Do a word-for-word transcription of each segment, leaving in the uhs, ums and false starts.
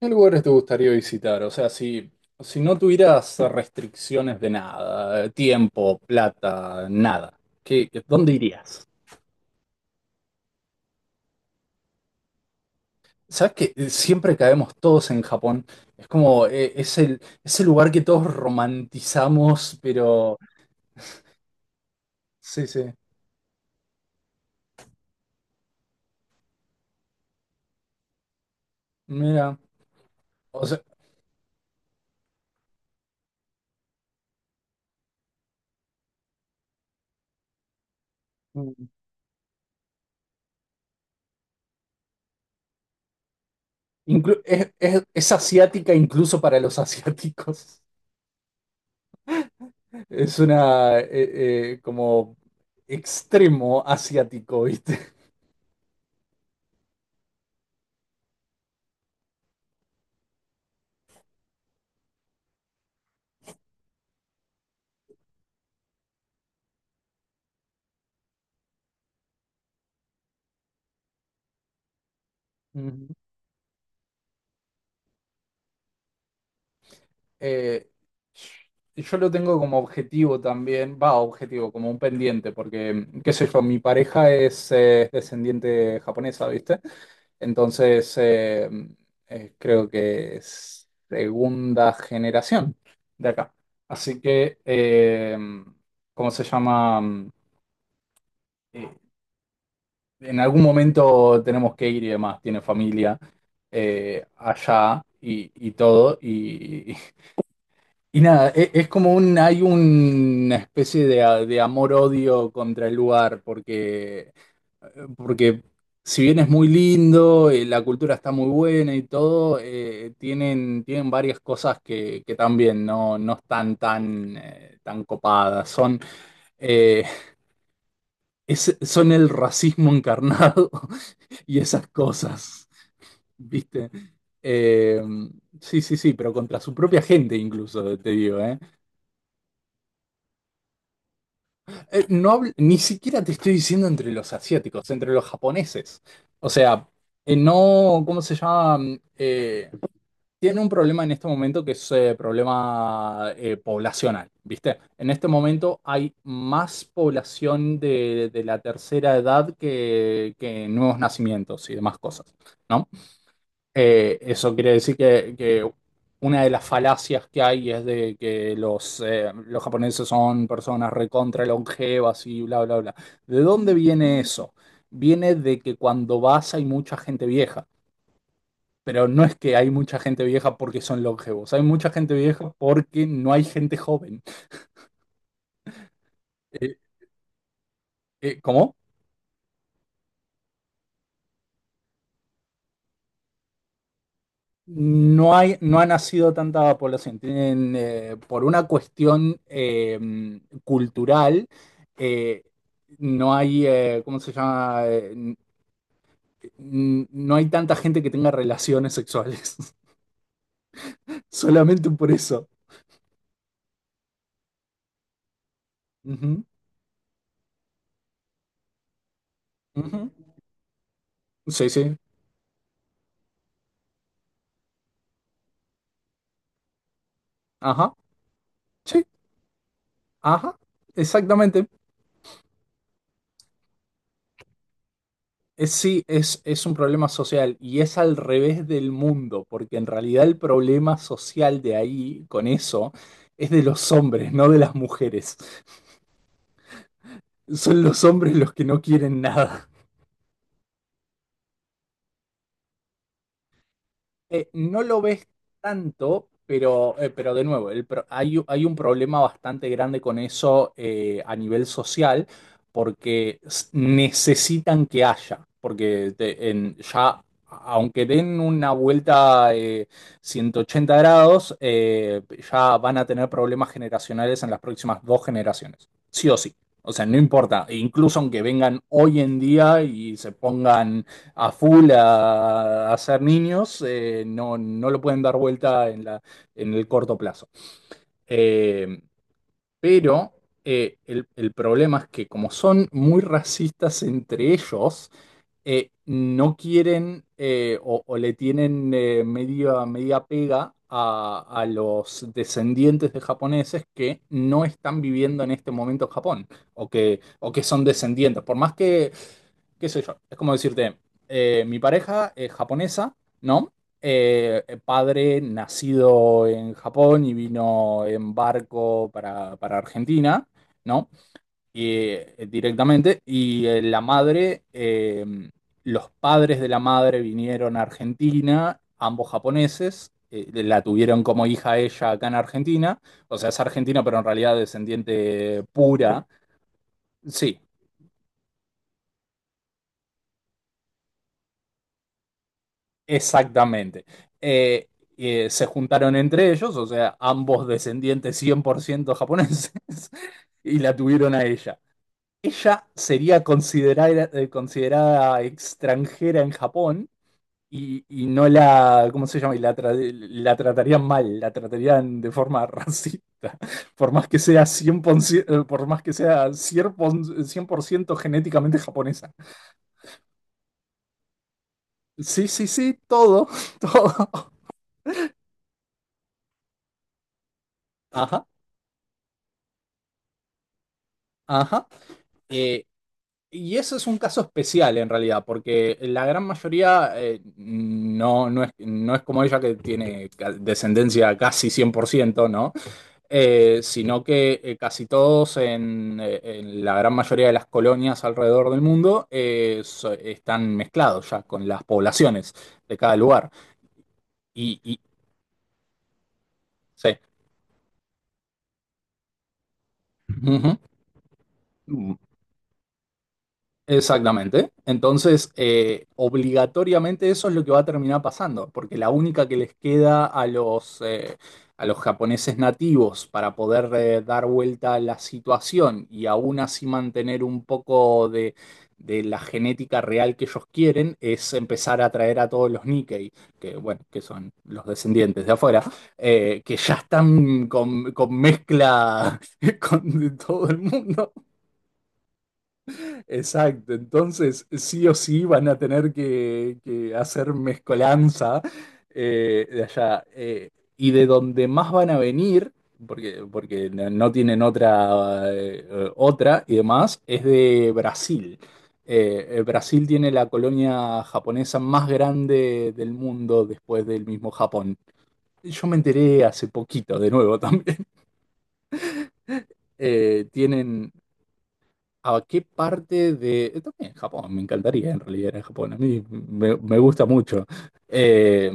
¿Qué lugares te gustaría visitar? O sea, si, si no tuvieras restricciones de nada, eh, tiempo, plata, nada, ¿qué, dónde irías? ¿Sabes que siempre caemos todos en Japón? Es como, eh, es el, es el lugar que todos romantizamos, pero sí, sí, mira, o sea, mm, inclu- es, es- es asiática incluso para los asiáticos. Es una, eh, eh, como extremo asiático, ¿viste? eh, yo lo tengo como objetivo también, va, objetivo, como un pendiente, porque, mm, qué sé yo, mi pareja es eh, descendiente japonesa, ¿viste? Entonces, eh, mm, eh, creo que es segunda generación de acá. Así que, eh, mm, ¿cómo se llama? Mm, Eh, en algún momento tenemos que ir y demás, tiene familia eh, allá y, y, todo, y Y nada, e- es como un, hay una especie de, a- de amor-odio contra el lugar, porque, porque si bien es muy lindo, eh, la cultura está muy buena y todo, eh, tienen, tienen varias cosas que, que también no, no están tan, eh, tan copadas. Son, eh, es- son el racismo encarnado y esas cosas, ¿viste? Eh, sí, sí, sí, pero contra su propia gente incluso, te digo, ¿eh? Eh, no habl- ni siquiera te estoy diciendo entre los asiáticos, entre los japoneses. O sea, eh, no, ¿cómo se llama? Mm, Eh, tiene un problema en este momento que es eh, problema eh, poblacional, ¿viste? En este momento hay más población de, de, la tercera edad que, que nuevos nacimientos y demás cosas, ¿no? Eh, eso quiere decir que, que una de las falacias que hay es de que los, eh, los japoneses son personas recontra longevas y bla, bla, bla. ¿De dónde viene eso? Viene de que cuando vas hay mucha gente vieja, pero no es que hay mucha gente vieja porque son longevos, hay mucha gente vieja porque no hay gente joven. Eh, eh, ¿Cómo? No hay, no ha nacido tanta población. Tienen, eh, por una cuestión eh, cultural, eh, no hay, eh, ¿cómo se llama? Eh, n- n- no hay tanta gente que tenga relaciones sexuales. Solamente por eso. Ujú, ujú. Sí, sí. Ajá. Sí. Ajá. Exactamente. Es, sí, es, es un problema social y es al revés del mundo, porque en realidad el problema social de ahí, con eso, es de los hombres, no de las mujeres. Son los hombres los que no quieren nada. Eh, no lo ves tanto, pero, eh, pero de nuevo, el pro- hay, u- hay un problema bastante grande con eso eh, a nivel social, porque s- necesitan que haya, porque te- en- ya, aunque den una vuelta eh, ciento ochenta grados, eh, ya van a tener problemas generacionales en las próximas dos generaciones, sí o sí. O sea, no importa, e incluso aunque vengan hoy en día y se pongan a full a, a ser niños, eh, no, no lo pueden dar vuelta en la, en el corto plazo. Eh, pero eh, el, el problema es que como son muy racistas entre ellos, eh, no quieren eh, o, o, le tienen eh, media, media pega a, a los descendientes de japoneses que no están viviendo en este momento en Japón o que, o que son descendientes. Por más que qué sé yo, es como decirte, eh, mi pareja es japonesa, ¿no? Eh, eh, padre nacido en Japón y vino en barco para, para Argentina, ¿no? Y, eh, directamente, y eh, la madre, eh, los padres de la madre vinieron a Argentina, ambos japoneses, eh, la tuvieron como hija ella acá en Argentina, o sea, es argentina, pero en realidad descendiente pura. Sí, exactamente. Eh, eh, se juntaron entre ellos, o sea, ambos descendientes cien por ciento japoneses, y la tuvieron a ella. Ella sería considerada, eh, considerada extranjera en Japón y, y no la, ¿cómo se llama? Y la, tra- la tratarían mal, la tratarían de forma racista, por más que sea cien por ciento, eh, por más que sea cien por- cien por ciento genéticamente japonesa. Sí, sí, sí, todo, todo. Ajá, ajá. Eh, Y eso es un caso especial en realidad, porque la gran mayoría eh, no, no es, no es como ella que tiene ca- descendencia casi cien por ciento, ¿no? Eh, sino que eh, casi todos en, eh, en la gran mayoría de las colonias alrededor del mundo eh, so- están mezclados ya con las poblaciones de cada lugar. Y, y sí. Ujú. Exactamente. Entonces, eh, obligatoriamente eso es lo que va a terminar pasando, porque la única que les queda a los, eh, a los japoneses nativos para poder eh, dar vuelta a la situación y aún así mantener un poco de, de la genética real que ellos quieren es empezar a traer a todos los Nikkei, que bueno, que son los descendientes de afuera, eh, que ya están con, con, mezcla con todo el mundo. Exacto, entonces sí o sí van a tener que, que hacer mezcolanza eh, de allá. eh, y de donde más van a venir, porque, porque no no tienen otra, eh, eh, otra y demás, es de Brasil. Eh, eh, Brasil tiene la colonia japonesa más grande del mundo después del mismo Japón. Yo me enteré hace poquito, de nuevo también. Eh, tienen, ¿A qué parte de...? eh, También Japón, me encantaría en realidad ir a Japón, a mí me, me gusta mucho. Eh,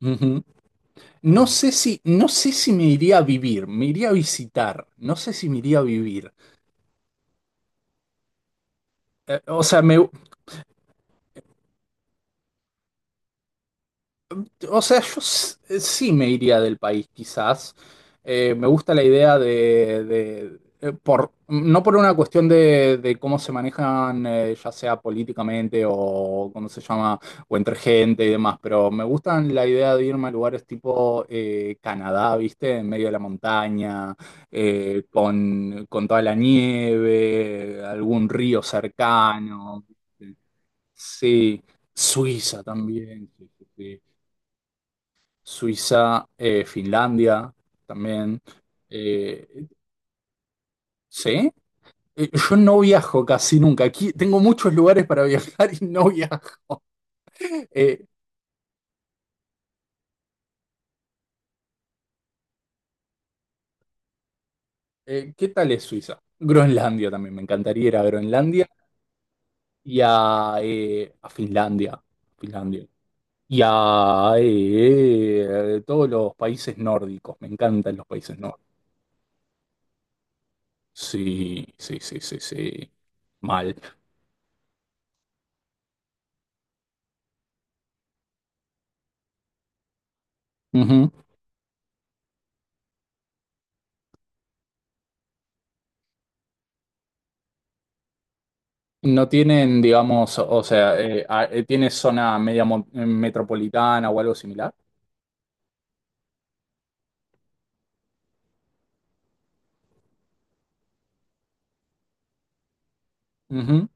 ujú. No sé si, no sé si me iría a vivir, me iría a visitar, no sé si me iría a vivir. Eh, o sea, me, O sea, yo s- eh, sí me iría del país, quizás. Eh, me gusta la idea de, de- eh, por, no por una cuestión de, de cómo se manejan, eh, ya sea políticamente o cómo se llama, o entre gente y demás, pero me gustan la idea de irme a lugares tipo eh, Canadá, ¿viste? En medio de la montaña, eh, con, con toda la nieve, algún río cercano. Sí, Suiza también. sí, sí, sí. Suiza, eh, Finlandia también. Eh, ¿sí? Eh, Yo no viajo casi nunca. Aquí tengo muchos lugares para viajar y no viajo. Eh, eh, ¿qué tal es Suiza? Groenlandia también. Me encantaría ir a Groenlandia y a, eh, a Finlandia. Finlandia. Y a eh, eh, todos los países nórdicos. Me encantan los países nórdicos. Sí, sí, sí, sí, sí. Mal. No tienen, digamos, o sea, eh, a- eh, tiene zona media mo- eh, metropolitana o algo similar. Ujú.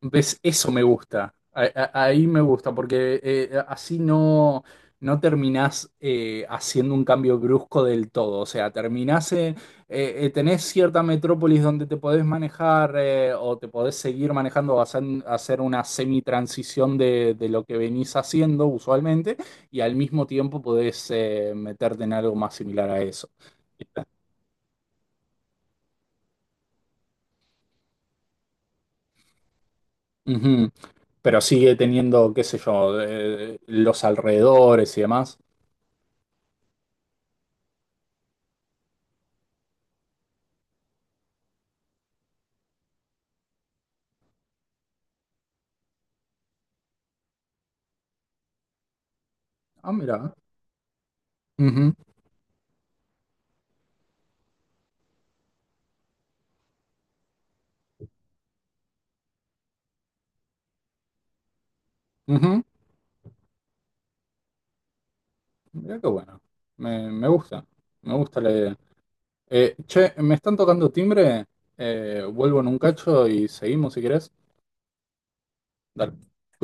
¿Ves? Eso me gusta. A- a- Ahí me gusta, porque eh, así no, no terminás eh, haciendo un cambio brusco del todo. O sea, terminás, en- eh, eh, tenés cierta metrópolis donde te podés manejar eh, o te podés seguir manejando, vas a hacer una semi-transición de, de, lo que venís haciendo usualmente y al mismo tiempo podés eh, meterte en algo más similar a eso. Ujú. Pero sigue teniendo, qué sé yo, eh, los alrededores y demás. Ah, mira. Ujú, ujú. Mira qué bueno. Me, me gusta. Me gusta la idea. Eh, che, me están tocando timbre. Eh, vuelvo en un cacho y seguimos si querés. Dale. Cuídate.